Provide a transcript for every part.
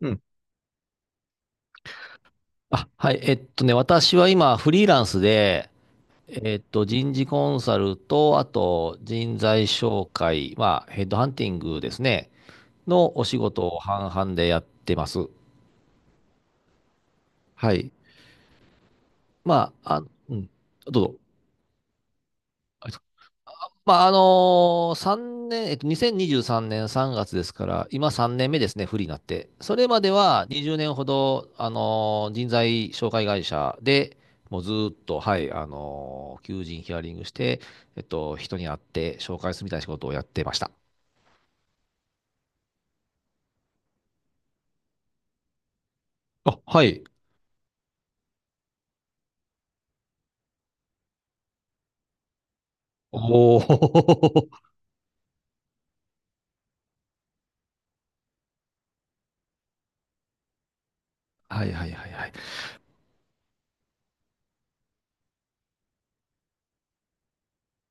うん。あ、はい。私は今、フリーランスで、人事コンサルと、あと、人材紹介、まあ、ヘッドハンティングですね、のお仕事を半々でやってます。はい。まあ、あ、うん。どうぞ。まあ、3年、2023年3月ですから、今3年目ですね、不利になって。それまでは20年ほど、あの人材紹介会社で、もうずーっと、はい、あの求人ヒアリングして、人に会って紹介するみたいな仕事をやってました。あ、はい。おお。はいはいはいはい。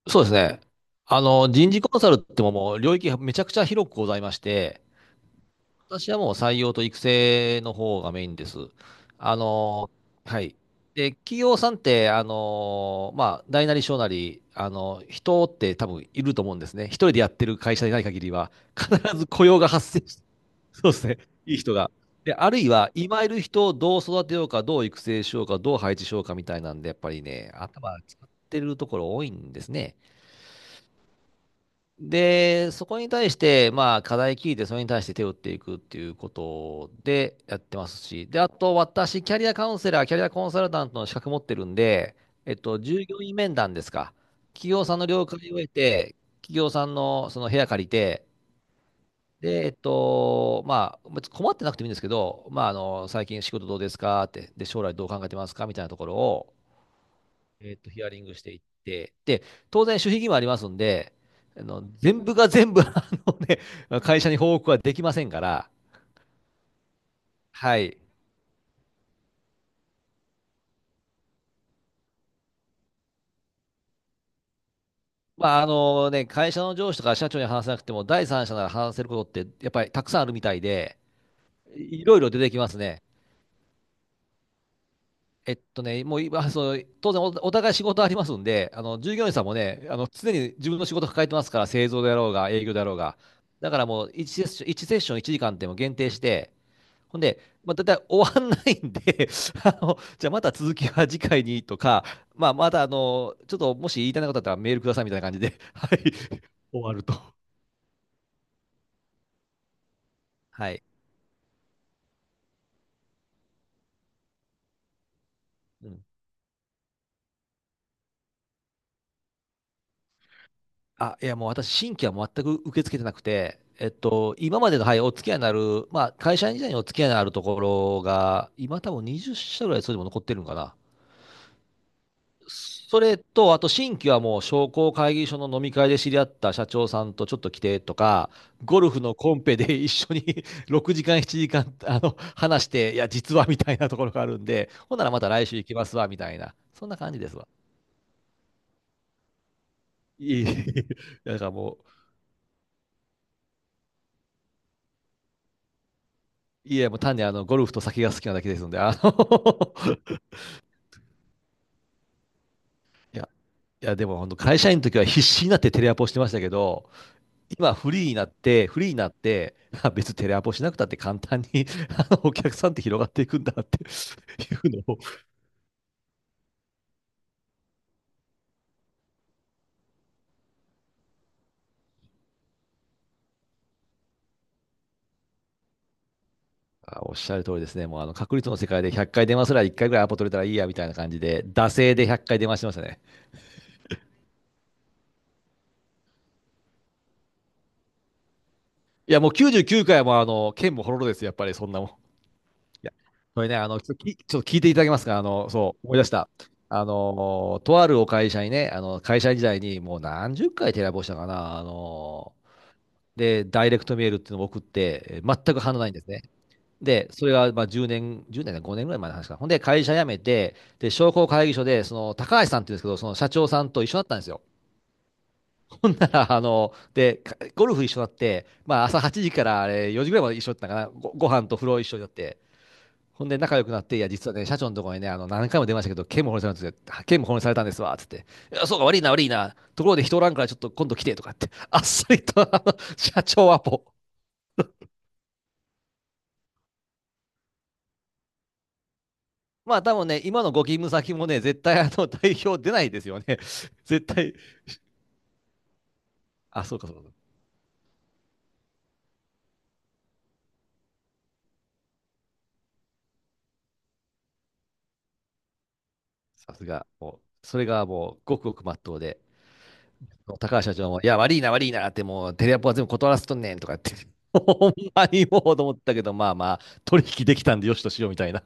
そうですね。人事コンサルってももう領域がめちゃくちゃ広くございまして、私はもう採用と育成の方がメインです。あの、はい。で、企業さんって、まあ、大なり小なり、人って多分いると思うんですね。一人でやってる会社でない限りは、必ず雇用が発生して、そうですね。いい人が。で、あるいは、今いる人をどう育てようか、どう育成しようか、どう配置しようかみたいなんで、やっぱりね、頭使ってるところ多いんですね。で、そこに対して、まあ、課題聞いて、それに対して手を打っていくっていうことでやってますし、で、あと、私、キャリアカウンセラー、キャリアコンサルタントの資格持ってるんで、従業員面談ですか。企業さんの了解を得て、企業さんのその部屋借りて、で、まあ、別に困ってなくてもいいんですけど、まあ、最近仕事どうですかって、で、将来どう考えてますかみたいなところを、ヒアリングしていって、で、当然、守秘義務ありますんで、全部が全部、ね、会社に報告はできませんから、はい。まあ、あのね、会社の上司とか社長に話せなくても、第三者なら話せることって、やっぱりたくさんあるみたいで、いいろいろ出てきますね。もう今、そう、当然お、お互い仕事ありますんで、従業員さんもね、常に自分の仕事抱えてますから、製造であろうが、営業であろうが。だからもう1セッション、1セッション1時間っても限定して、ほんで、まあ、だいたい終わんないんで じゃあまた続きは次回にとか、まあ、またちょっともし言いたいなことあったらメールくださいみたいな感じで、はい、終わると。はい。うんあ、いや、もう私、新規は全く受け付けてなくて、今までの、はい、お付き合いのある、まあ、会社員時代にお付き合いのあるところが、今多分20社ぐらいそれでも残ってるんかな。それと、あと新規はもう商工会議所の飲み会で知り合った社長さんとちょっと来てとか、ゴルフのコンペで一緒に 6時間、7時間、話して、いや、実はみたいなところがあるんで、ほんならまた来週行きますわ、みたいな。そんな感じですわ。いい。だからもう、いや、もう単にゴルフと酒が好きなだけですので、あの いや、いや、でも本当会社員の時は必死になってテレアポしてましたけど、今フリーになって、フリーになって、あ別にテレアポしなくたって簡単に あのお客さんって広がっていくんだって いうのをあおっしゃる通りですね。もうあの確率の世界で100回電話すら1回ぐらいアポ取れたらいいやみたいな感じで、惰性で100回電話してましたね。いやもう99回も剣もほろろですよ、やっぱりそんなもん。いや、これね、ちょっと聞いていただけますか。そう、思い出した。とあるお会社にね、会社時代にもう何十回テレアポしたかな、で、ダイレクトメールっていうのを送って、全く反応ないんですね。で、それがまあ10年、10年だ、5年ぐらい前の話かな。ほんで、会社辞めて、で、商工会議所で、その、高橋さんっていうんですけど、その社長さんと一緒だったんですよ。ほんなら、ゴルフ一緒になって、まあ、朝8時からあれ4時ぐらいまで一緒だったかな。ご飯と風呂一緒だって。ほんで、仲良くなって、いや、実はね、社長のところにね、何回も出ましたけど、剣も保護されたんですよ。県も保護されたんですわ、つって。いや、そうか、悪いな、悪いな。ところで人おらんから、ちょっと今度来て、とかって。あっさりと、社長はもまあ多分ね、今のご勤務先もね、絶対あの 代表出ないですよね。絶対。あ、そうかそうか。さすが。もう、それがもう、ごくごくまっとうで。高橋社長も、いや、悪いな、悪いなって、もう、テレアポは全部断らせとんねんとかって。ほんまにもうと思ったけど、まあまあ、取引できたんでよしとしようみたいな。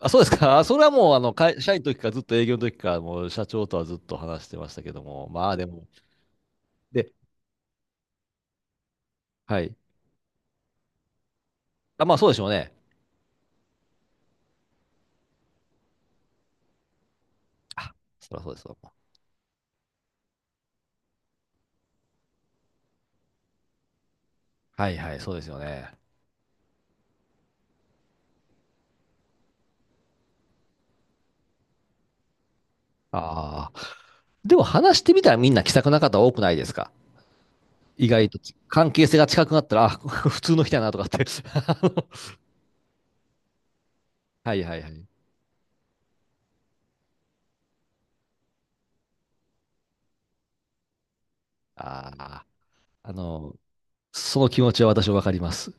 あ、そうですか。それはもう、会社員の時からずっと営業の時から、もう社長とはずっと話してましたけども、まあでも、で、はい。あ、まあそうでしょうね。あ、そりゃそうですよ。はいはい、そうですよね。ああ。でも話してみたらみんな気さくな方多くないですか。意外と関係性が近くなったら、あ、普通の人やなとかって。あのはいはいはい。ああ、あの、その気持ちは私はわかります。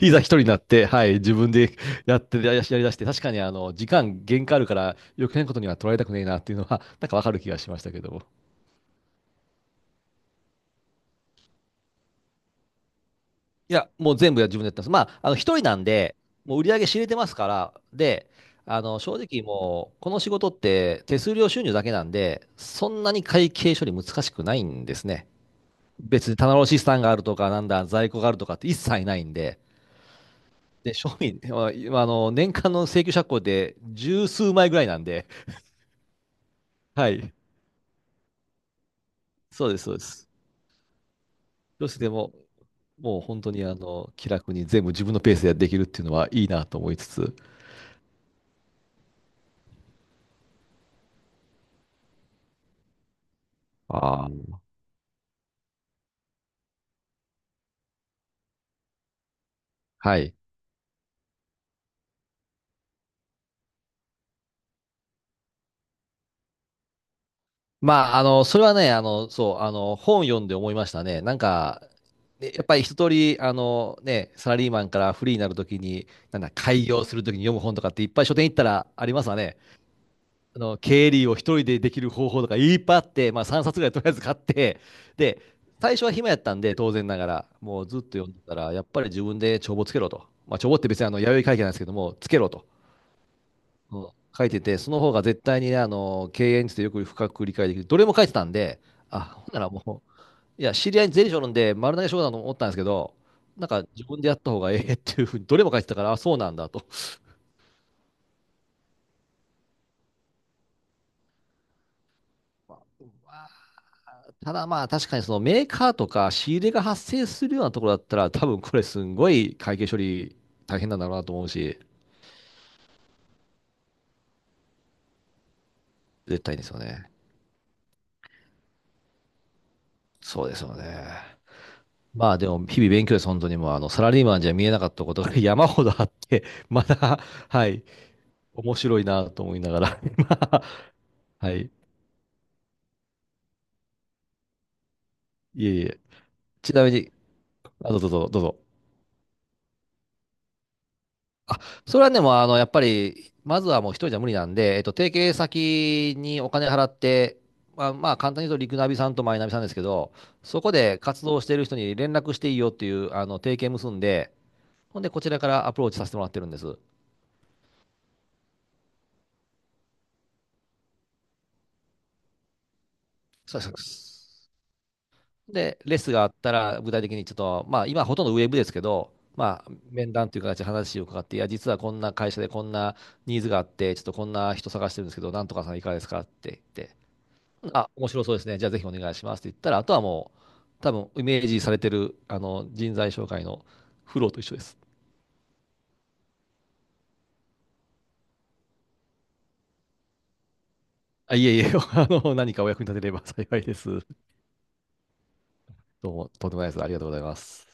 いざ一人になって、はい、自分でやってやりだして、確かに時間限界あるから余計なことには取られたくねえなっていうのは、なんかわかる気がしましたけども。いや、もう全部自分でやってます。まあ、一人なんで、もう売り上げ知れてますから、で、正直もう、この仕事って手数料収入だけなんで、そんなに会計処理難しくないんですね。別に棚卸資産があるとか、なんだ、在庫があるとかって一切ないんで、で、商品、まあ今あの、年間の請求借口で十数枚ぐらいなんで、はい、そうです、そうです。どうしても、もう本当に気楽に全部自分のペースでできるっていうのはいいなと思いつつ、ああ、はい。まあ、それはね、本読んで思いましたね。なんか、ねやっぱり一通り、ね、サラリーマンからフリーになるときに、なんだ、開業するときに読む本とかっていっぱい書店行ったらありますわね。経理を一人でできる方法とかいっぱいあって、まあ3冊ぐらいとりあえず買って、で、最初は暇やったんで、当然ながら、もうずっと読んでたら、やっぱり自分で帳簿つけろと。まあ、帳簿って別に弥生会計なんですけども、つけろと。そう書いてて、その方が絶対にね、経営についてよく深く理解できる。どれも書いてたんで、あ、ほんならもう、いや、知り合いに税理士おるんで、丸投げしようかなと思ったんですけど、なんか自分でやった方がええっていうふうに、どれも書いてたから、あ、そうなんだと。ただまあ、確かにそのメーカーとか仕入れが発生するようなところだったら、多分これすんごい会計処理大変なんだろうなと思うし、絶対にですよね。そうですよね。まあでも、日々勉強です、本当にもう、サラリーマンじゃ見えなかったことが 山ほどあって、まだ、はい、面白いなと思いながら、今はい。いえいえ。ちなみに、あ、どうぞ。あ、それはね、もうあの、やっぱり、まずはもう一人じゃ無理なんで、提携先にお金払って、まあ、簡単に言うと、リクナビさんとマイナビさんですけど、そこで活動している人に連絡していいよっていう、提携結んで、ほんで、こちらからアプローチさせてもらってるんです。そうです。で、レッスンがあったら、具体的にちょっと、まあ、今ほとんどウェブですけど、まあ、面談という形で話を伺って、いや、実はこんな会社でこんなニーズがあって、ちょっとこんな人探してるんですけど、なんとかさんいかがですかって言って、あ、面白そうですね。じゃあぜひお願いしますって言ったら、あとはもう、多分イメージされてる、人材紹介のフローと一緒です。あ、いえいえ、何かお役に立てれば幸いです。どうも、とんでもないです。ありがとうございます。